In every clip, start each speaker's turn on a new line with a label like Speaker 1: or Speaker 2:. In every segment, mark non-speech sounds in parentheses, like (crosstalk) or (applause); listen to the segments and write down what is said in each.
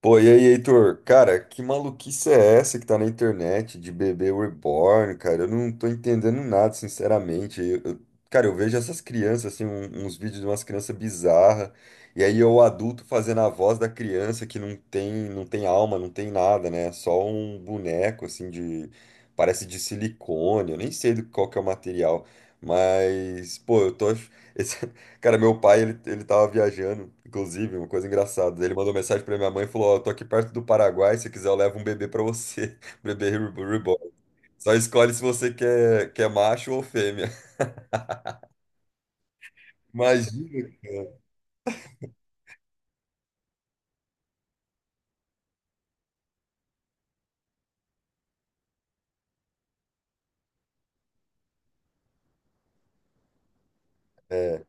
Speaker 1: Pô, e aí, Heitor? Cara, que maluquice é essa que tá na internet de bebê reborn, cara? Eu não tô entendendo nada, sinceramente. Cara, eu vejo essas crianças, assim, uns vídeos de umas crianças bizarras, e aí eu, adulto, fazendo a voz da criança que não tem alma, não tem nada, né? Só um boneco, assim, de parece de silicone, eu nem sei do qual que é o material, mas, pô, eu tô (laughs) Cara, meu pai, ele tava viajando, inclusive, uma coisa engraçada. Ele mandou mensagem pra minha mãe e falou: Ó, eu tô aqui perto do Paraguai, se quiser eu levo um bebê pra você. (laughs) Bebê re- reborn. Só escolhe se você quer, quer macho ou fêmea. (laughs) Imagina. É,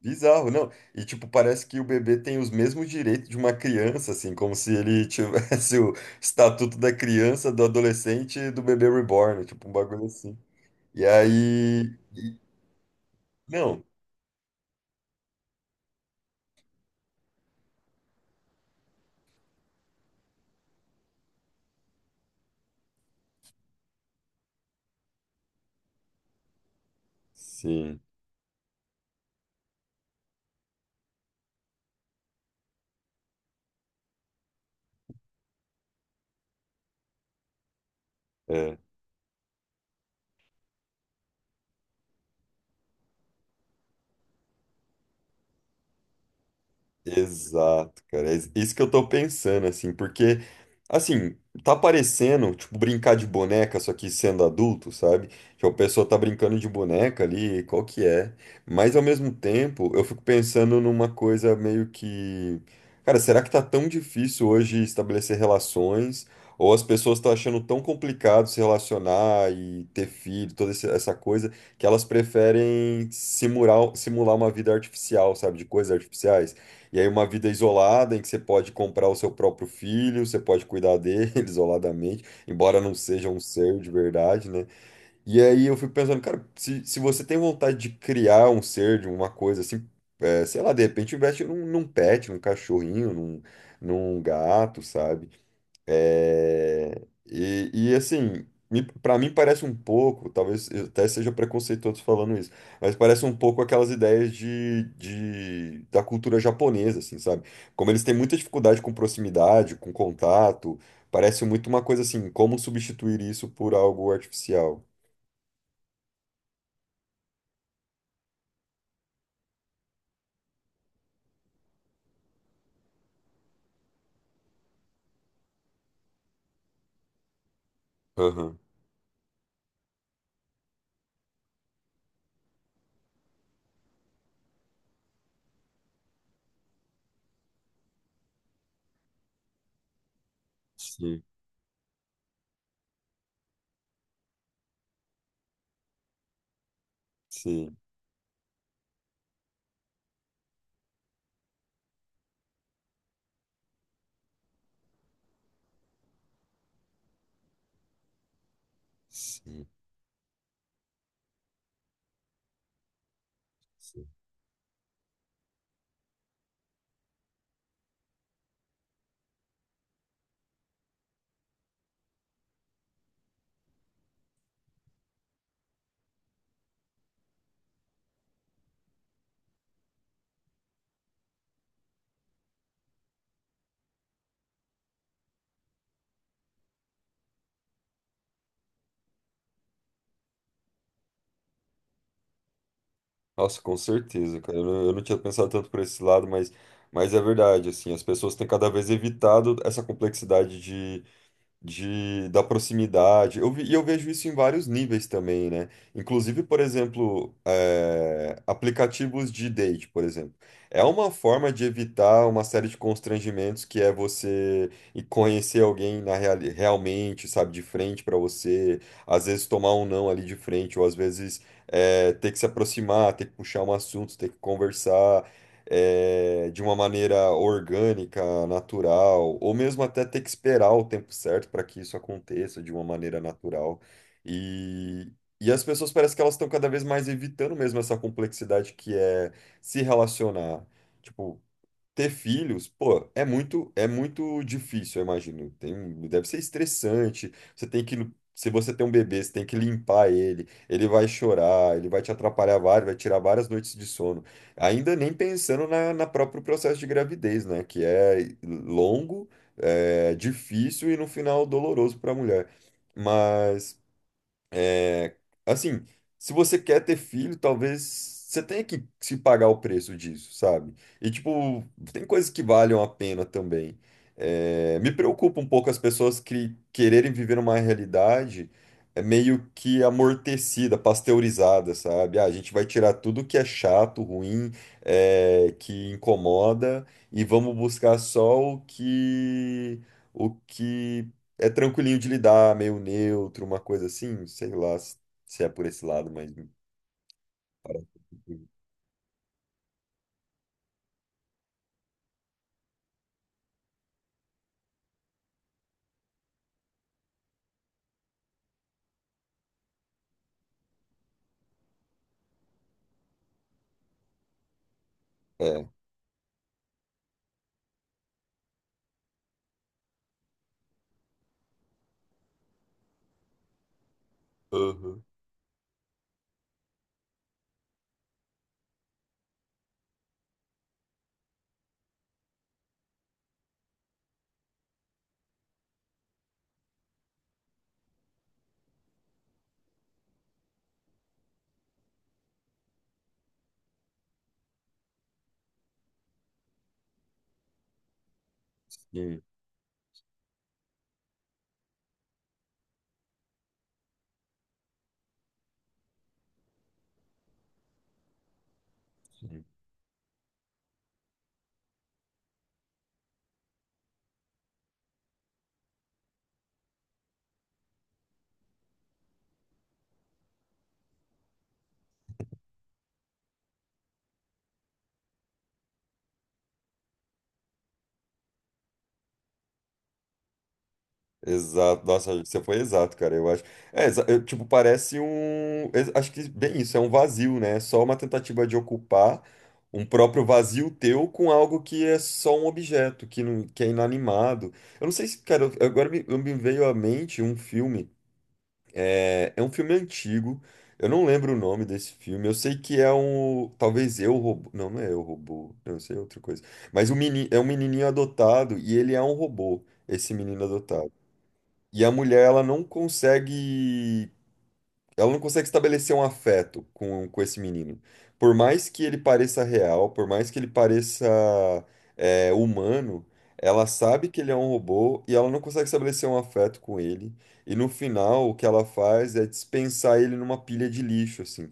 Speaker 1: bizarro, não. E, tipo, parece que o bebê tem os mesmos direitos de uma criança, assim, como se ele tivesse (laughs) o estatuto da criança, do adolescente e do bebê reborn, tipo, um bagulho assim. E aí. Não. Sim. É. Exato, cara. É isso que eu tô pensando, assim, porque, assim, tá parecendo, tipo, brincar de boneca, só que sendo adulto, sabe? Tipo, a pessoa tá brincando de boneca ali, qual que é? Mas, ao mesmo tempo, eu fico pensando numa coisa meio que. Cara, será que tá tão difícil hoje estabelecer relações? Ou as pessoas estão achando tão complicado se relacionar e ter filho, essa coisa, que elas preferem simular, simular uma vida artificial, sabe? De coisas artificiais? E aí uma vida isolada em que você pode comprar o seu próprio filho, você pode cuidar dele (laughs) isoladamente, embora não seja um ser de verdade, né? E aí eu fico pensando, cara, se você tem vontade de criar um ser, de uma coisa assim, é, sei lá, de repente investe num, num pet, num cachorrinho, num, num gato, sabe? É, assim, para mim parece um pouco, talvez eu até seja preconceituoso falando isso, mas parece um pouco aquelas ideias da cultura japonesa, assim, sabe? Como eles têm muita dificuldade com proximidade, com contato, parece muito uma coisa assim, como substituir isso por algo artificial. Aham. Sim, sim, sim, sim. Nossa, com certeza, cara. Eu não tinha pensado tanto por esse lado, mas é verdade, assim, as pessoas têm cada vez evitado essa complexidade da proximidade. E eu vejo isso em vários níveis também, né? Inclusive, por exemplo, aplicativos de date, por exemplo. É uma forma de evitar uma série de constrangimentos que é você ir conhecer alguém realmente, sabe, de frente para você, às vezes tomar um não ali de frente, ou às vezes ter que se aproximar, ter que puxar um assunto, ter que conversar de uma maneira orgânica, natural, ou mesmo até ter que esperar o tempo certo para que isso aconteça de uma maneira natural. E, e as pessoas parece que elas estão cada vez mais evitando mesmo essa complexidade que é se relacionar. Tipo, ter filhos, pô, é muito difícil, eu imagino. Tem, deve ser estressante. Você tem que, se você tem um bebê, você tem que limpar ele, ele vai chorar, ele vai te atrapalhar várias, vai tirar várias noites de sono. Ainda nem pensando na, na próprio processo de gravidez, né? Que é longo, é difícil e no final doloroso para a mulher. Mas é, assim, se você quer ter filho, talvez você tenha que se pagar o preço disso, sabe? E, tipo, tem coisas que valham a pena também. É, me preocupa um pouco as pessoas que quererem viver uma realidade é meio que amortecida, pasteurizada, sabe? Ah, a gente vai tirar tudo que é chato, ruim, é, que incomoda e vamos buscar só o que é tranquilinho de lidar, meio neutro, uma coisa assim, sei lá se se é por esse lado, mas. É. Aham. Sim, sim. Exato. Nossa, você foi exato, cara. Eu acho. É, tipo, parece um. Acho que bem isso, é um vazio, né? É só uma tentativa de ocupar um próprio vazio teu com algo que é só um objeto, que, não, que é inanimado. Eu não sei se, cara, agora me, me veio à mente um filme. É, é um filme antigo. Eu não lembro o nome desse filme. Eu sei que é um. Talvez eu robô. Não, não é eu robô. Não, isso aí é outra coisa. Mas o é um menininho adotado e ele é um robô, esse menino adotado. E a mulher, ela não consegue estabelecer um afeto com esse menino. Por mais que ele pareça real, por mais que ele pareça é, humano, ela sabe que ele é um robô e ela não consegue estabelecer um afeto com ele. E no final, o que ela faz é dispensar ele numa pilha de lixo, assim.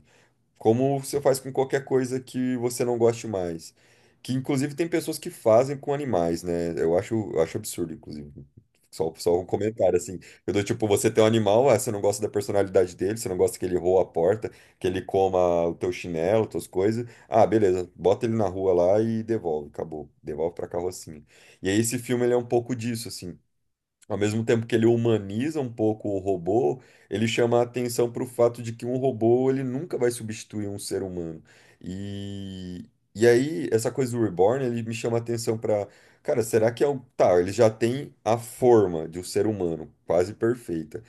Speaker 1: Como você faz com qualquer coisa que você não goste mais. Que inclusive tem pessoas que fazem com animais, né? Eu acho absurdo, inclusive. Só um comentário, assim. Eu dou tipo, você tem um animal, ah, você não gosta da personalidade dele, você não gosta que ele roa a porta, que ele coma o teu chinelo, tuas coisas. Ah, beleza, bota ele na rua lá e devolve, acabou. Devolve pra carrocinha. E aí esse filme, ele é um pouco disso, assim. Ao mesmo tempo que ele humaniza um pouco o robô, ele chama a atenção para o fato de que um robô ele nunca vai substituir um ser humano. E, e aí, essa coisa do Reborn, ele me chama a atenção para, cara, será que é o. Tá, ele já tem a forma de um ser humano, quase perfeita.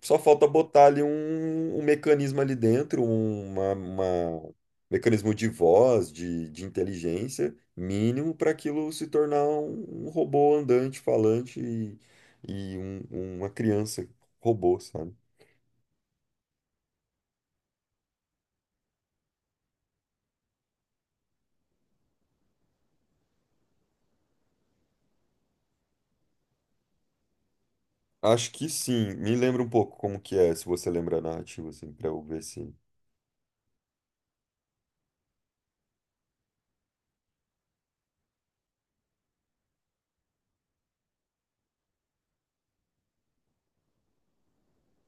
Speaker 1: Só falta botar ali um, um mecanismo ali dentro, um, uma, mecanismo de voz, de inteligência mínimo para aquilo se tornar um, um robô andante, falante e, uma criança robô, sabe? Acho que sim. Me lembra um pouco como que é, se você lembra a narrativa, assim, para eu ver se.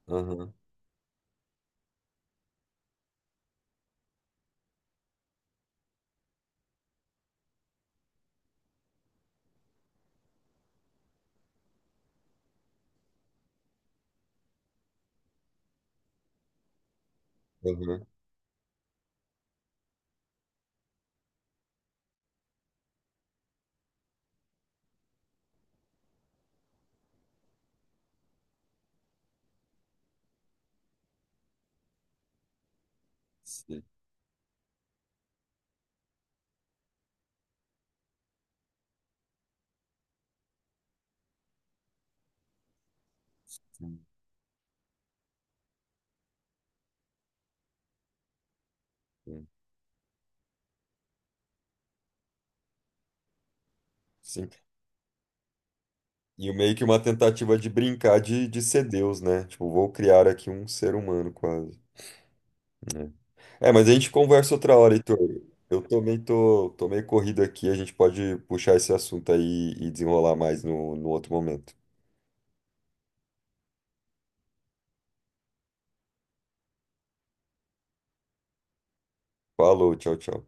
Speaker 1: Aham, aham. Sim, sim, sim, sim. E meio que uma tentativa de brincar de ser Deus, né? Tipo, vou criar aqui um ser humano quase. Né? É, mas a gente conversa outra hora, Heitor. Eu também tô meio corrido aqui, a gente pode puxar esse assunto aí e desenrolar mais no outro momento. Falou, tchau, tchau.